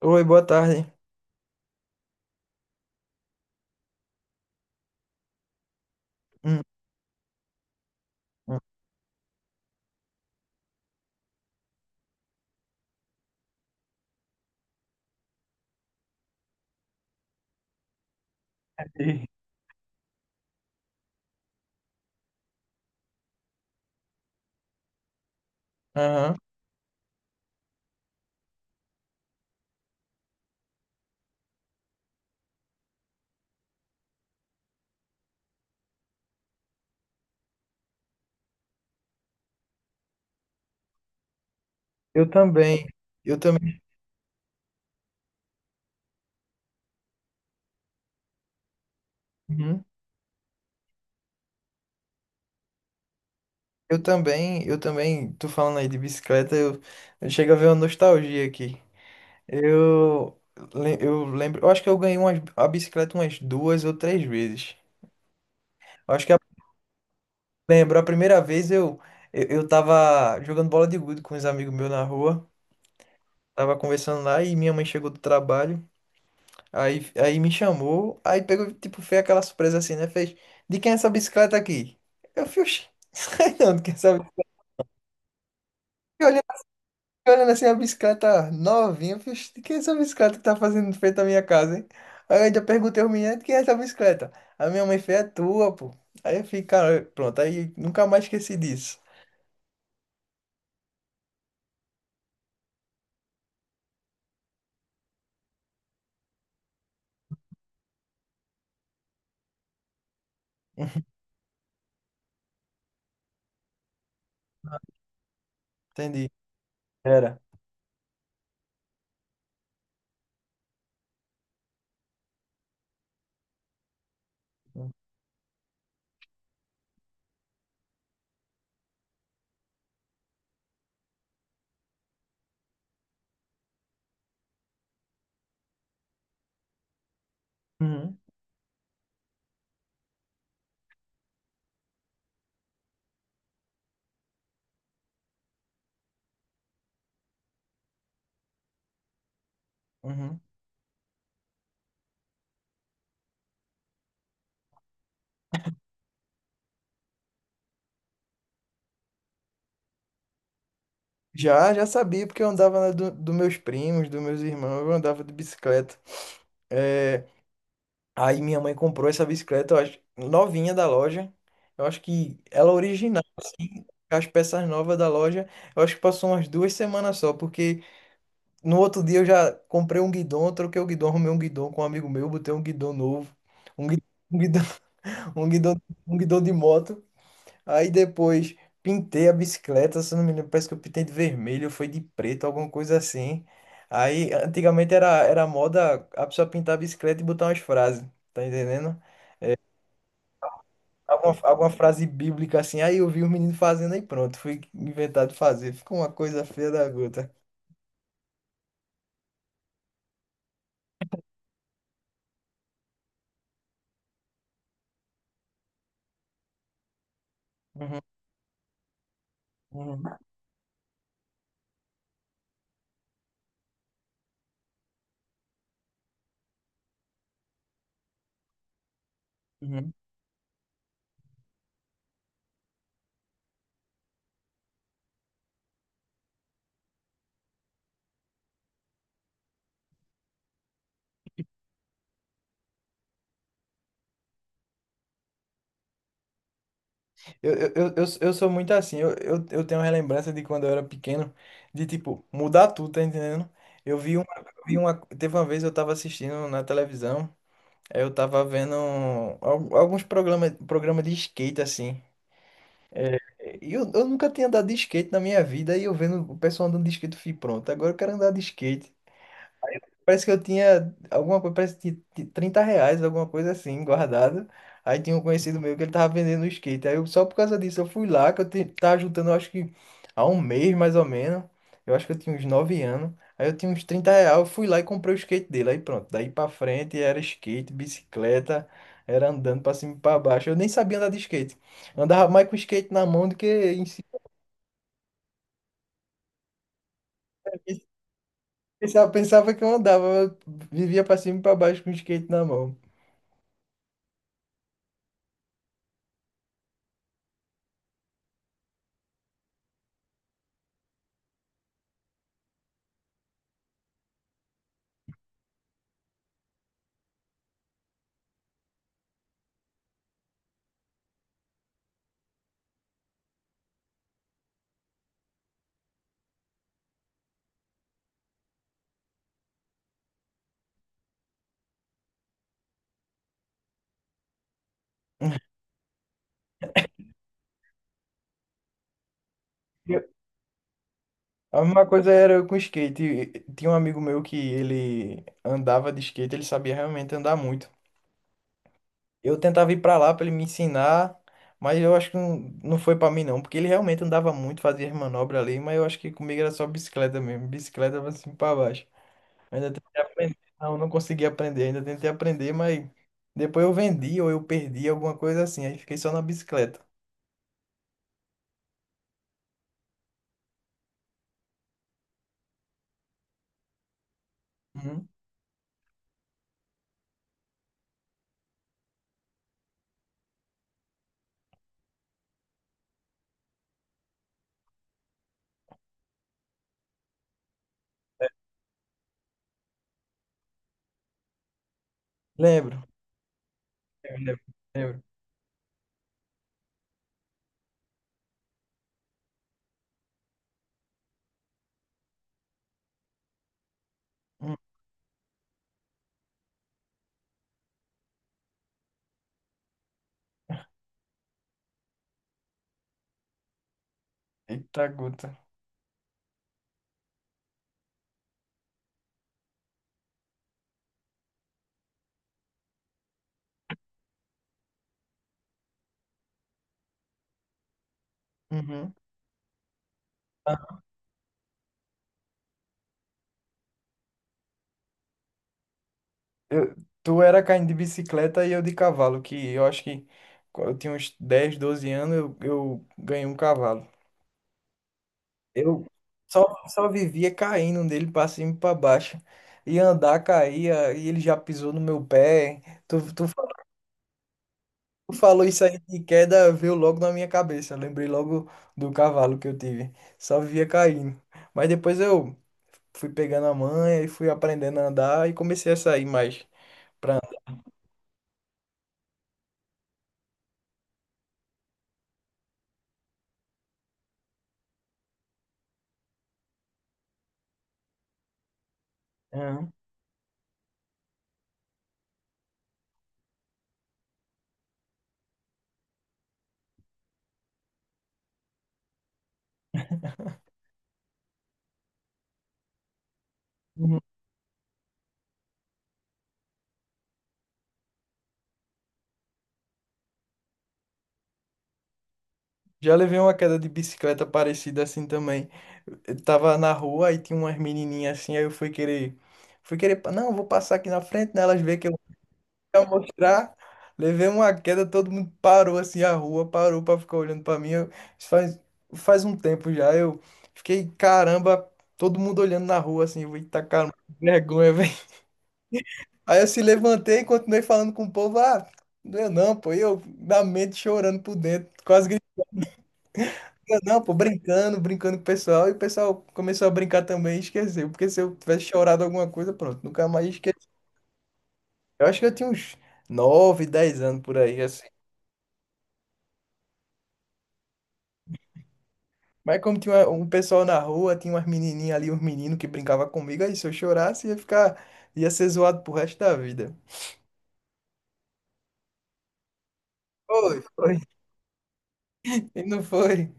Oi, boa tarde. Hum, hum. E- Aham. Eu também. Eu também. Uhum. Eu também. Eu também. Tô falando aí de bicicleta. Eu chego a ver uma nostalgia aqui. Eu, eu lembro. Eu acho que eu ganhei a bicicleta umas duas ou três vezes. Eu acho que lembro. A primeira vez eu tava jogando bola de gude com uns amigos meus na rua. Tava conversando lá e minha mãe chegou do trabalho. Aí me chamou, aí pegou, tipo, fez aquela surpresa assim, né? Fez, de quem é essa bicicleta aqui? Eu fui, "Oxi, sei não, de quem é essa bicicleta? Olhando, olhando assim a bicicleta novinha, eu fui, "Oxi, de quem é essa bicicleta que tá fazendo frente à minha casa, hein? Aí eu ainda perguntei ao menino, de quem é essa bicicleta? A minha mãe fez, é tua, pô. Aí eu fiquei, cara, pronto, aí nunca mais esqueci disso. Entendi. Era. Uhum, uhum. Já, já sabia, porque eu andava dos meus primos, dos meus irmãos, eu andava de bicicleta. É. Aí minha mãe comprou essa bicicleta, eu acho, novinha da loja. Eu acho que ela é original, as peças novas da loja. Eu acho que passou umas 2 semanas só, porque no outro dia eu já comprei um guidão, troquei o guidão, arrumei um guidão com um amigo meu, botei um guidão novo, um guidão, um guidão, um guidão, um guidão de moto. Aí depois pintei a bicicleta, se eu não me lembro, parece que eu pintei de vermelho, foi de preto, alguma coisa assim. Aí antigamente era moda a pessoa pintar a bicicleta e botar umas frases, tá entendendo? Alguma frase bíblica assim, aí eu vi os meninos fazendo aí pronto, fui inventado fazer. Ficou uma coisa feia da gota. Uhum, uhum, uhum. Eu sou muito assim, eu tenho uma relembrança de quando eu era pequeno, de tipo, mudar tudo, tá entendendo? Teve uma vez eu tava assistindo na televisão, aí eu tava vendo alguns programas, programa de skate assim. E eu nunca tinha andado de skate na minha vida, e eu vendo o pessoal andando de skate, eu fui pronto, agora eu quero andar de skate. Parece que eu tinha alguma coisa, parece que tinha R$ 30, alguma coisa assim, guardado. Aí tinha um conhecido meu que ele tava vendendo um skate. Aí eu, só por causa disso eu fui lá, que eu tava juntando, eu acho que há um mês mais ou menos. Eu acho que eu tinha uns 9 anos. Aí eu tinha uns R$ 30, eu fui lá e comprei o skate dele. Aí pronto, daí pra frente era skate, bicicleta, era andando pra cima e pra baixo. Eu nem sabia andar de skate. Eu andava mais com o skate na mão do que em cima. Pensava que eu andava, eu vivia pra cima e pra baixo com o skate na mão. A mesma coisa era com skate. Tinha um amigo meu que ele andava de skate, ele sabia realmente andar muito. Eu tentava ir pra lá pra ele me ensinar, mas eu acho que não, não foi pra mim não, porque ele realmente andava muito, fazia as manobras ali, mas eu acho que comigo era só bicicleta mesmo, bicicleta assim pra baixo. Ainda tentei aprender, não, não consegui aprender, ainda tentei aprender, mas depois eu vendi ou eu perdi alguma coisa assim, aí fiquei só na bicicleta. Uhum. É. Lembro, lembro, lembro. Hum. Eita, gota. Uhum. Eu- tu era caindo de bicicleta e eu de cavalo, que eu acho que quando eu tinha uns 10 12 anos, eu ganhei um cavalo. Eu só vivia caindo dele pra cima e pra baixo. E andar, caía, e ele já pisou no meu pé. Tu, tu, fa- tu falou isso aí de queda, veio logo na minha cabeça. Lembrei logo do cavalo que eu tive. Só vivia caindo. Mas depois eu fui pegando a manha e fui aprendendo a andar e comecei a sair mais. Aham. Já levei uma queda de bicicleta parecida assim também. Eu tava na rua e tinha umas menininhas assim, aí eu fui querer, não, vou passar aqui na frente, né? Elas veem que eu quero mostrar. Levei uma queda, todo mundo parou assim a rua, parou pra ficar olhando pra mim. Isso faz um tempo já, eu fiquei, caramba, todo mundo olhando na rua assim, eu, vou eita caramba, que vergonha, velho. Aí eu se levantei e continuei falando com o povo, ah, não, doeu não, pô, e eu na mente chorando por dentro, quase. Não, pô, brincando, brincando com o pessoal, e o pessoal começou a brincar também e esqueceu, porque se eu tivesse chorado alguma coisa, pronto, nunca mais esqueci. Eu acho que eu tinha uns 9 10 anos por aí, assim. Mas como tinha um pessoal na rua, tinha umas menininhas ali, uns meninos que brincavam comigo, aí se eu chorasse, ia ficar, ia ser zoado pro resto da vida. Foi, foi, e não foi.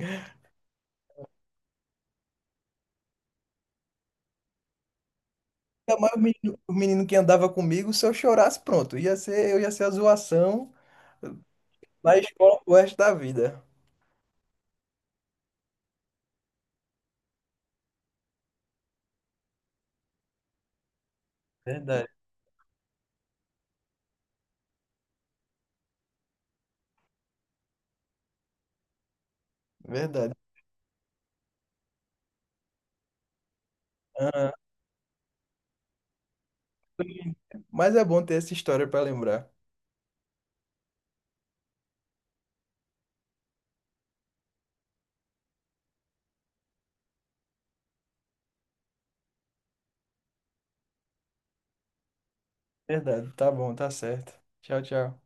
Ainda mais o menino que andava comigo, se eu chorasse, pronto, eu ia ser a zoação na escola pro resto da vida. Verdade, verdade. Mas é bom ter essa história para lembrar. Verdade, tá bom, tá certo. Tchau, tchau.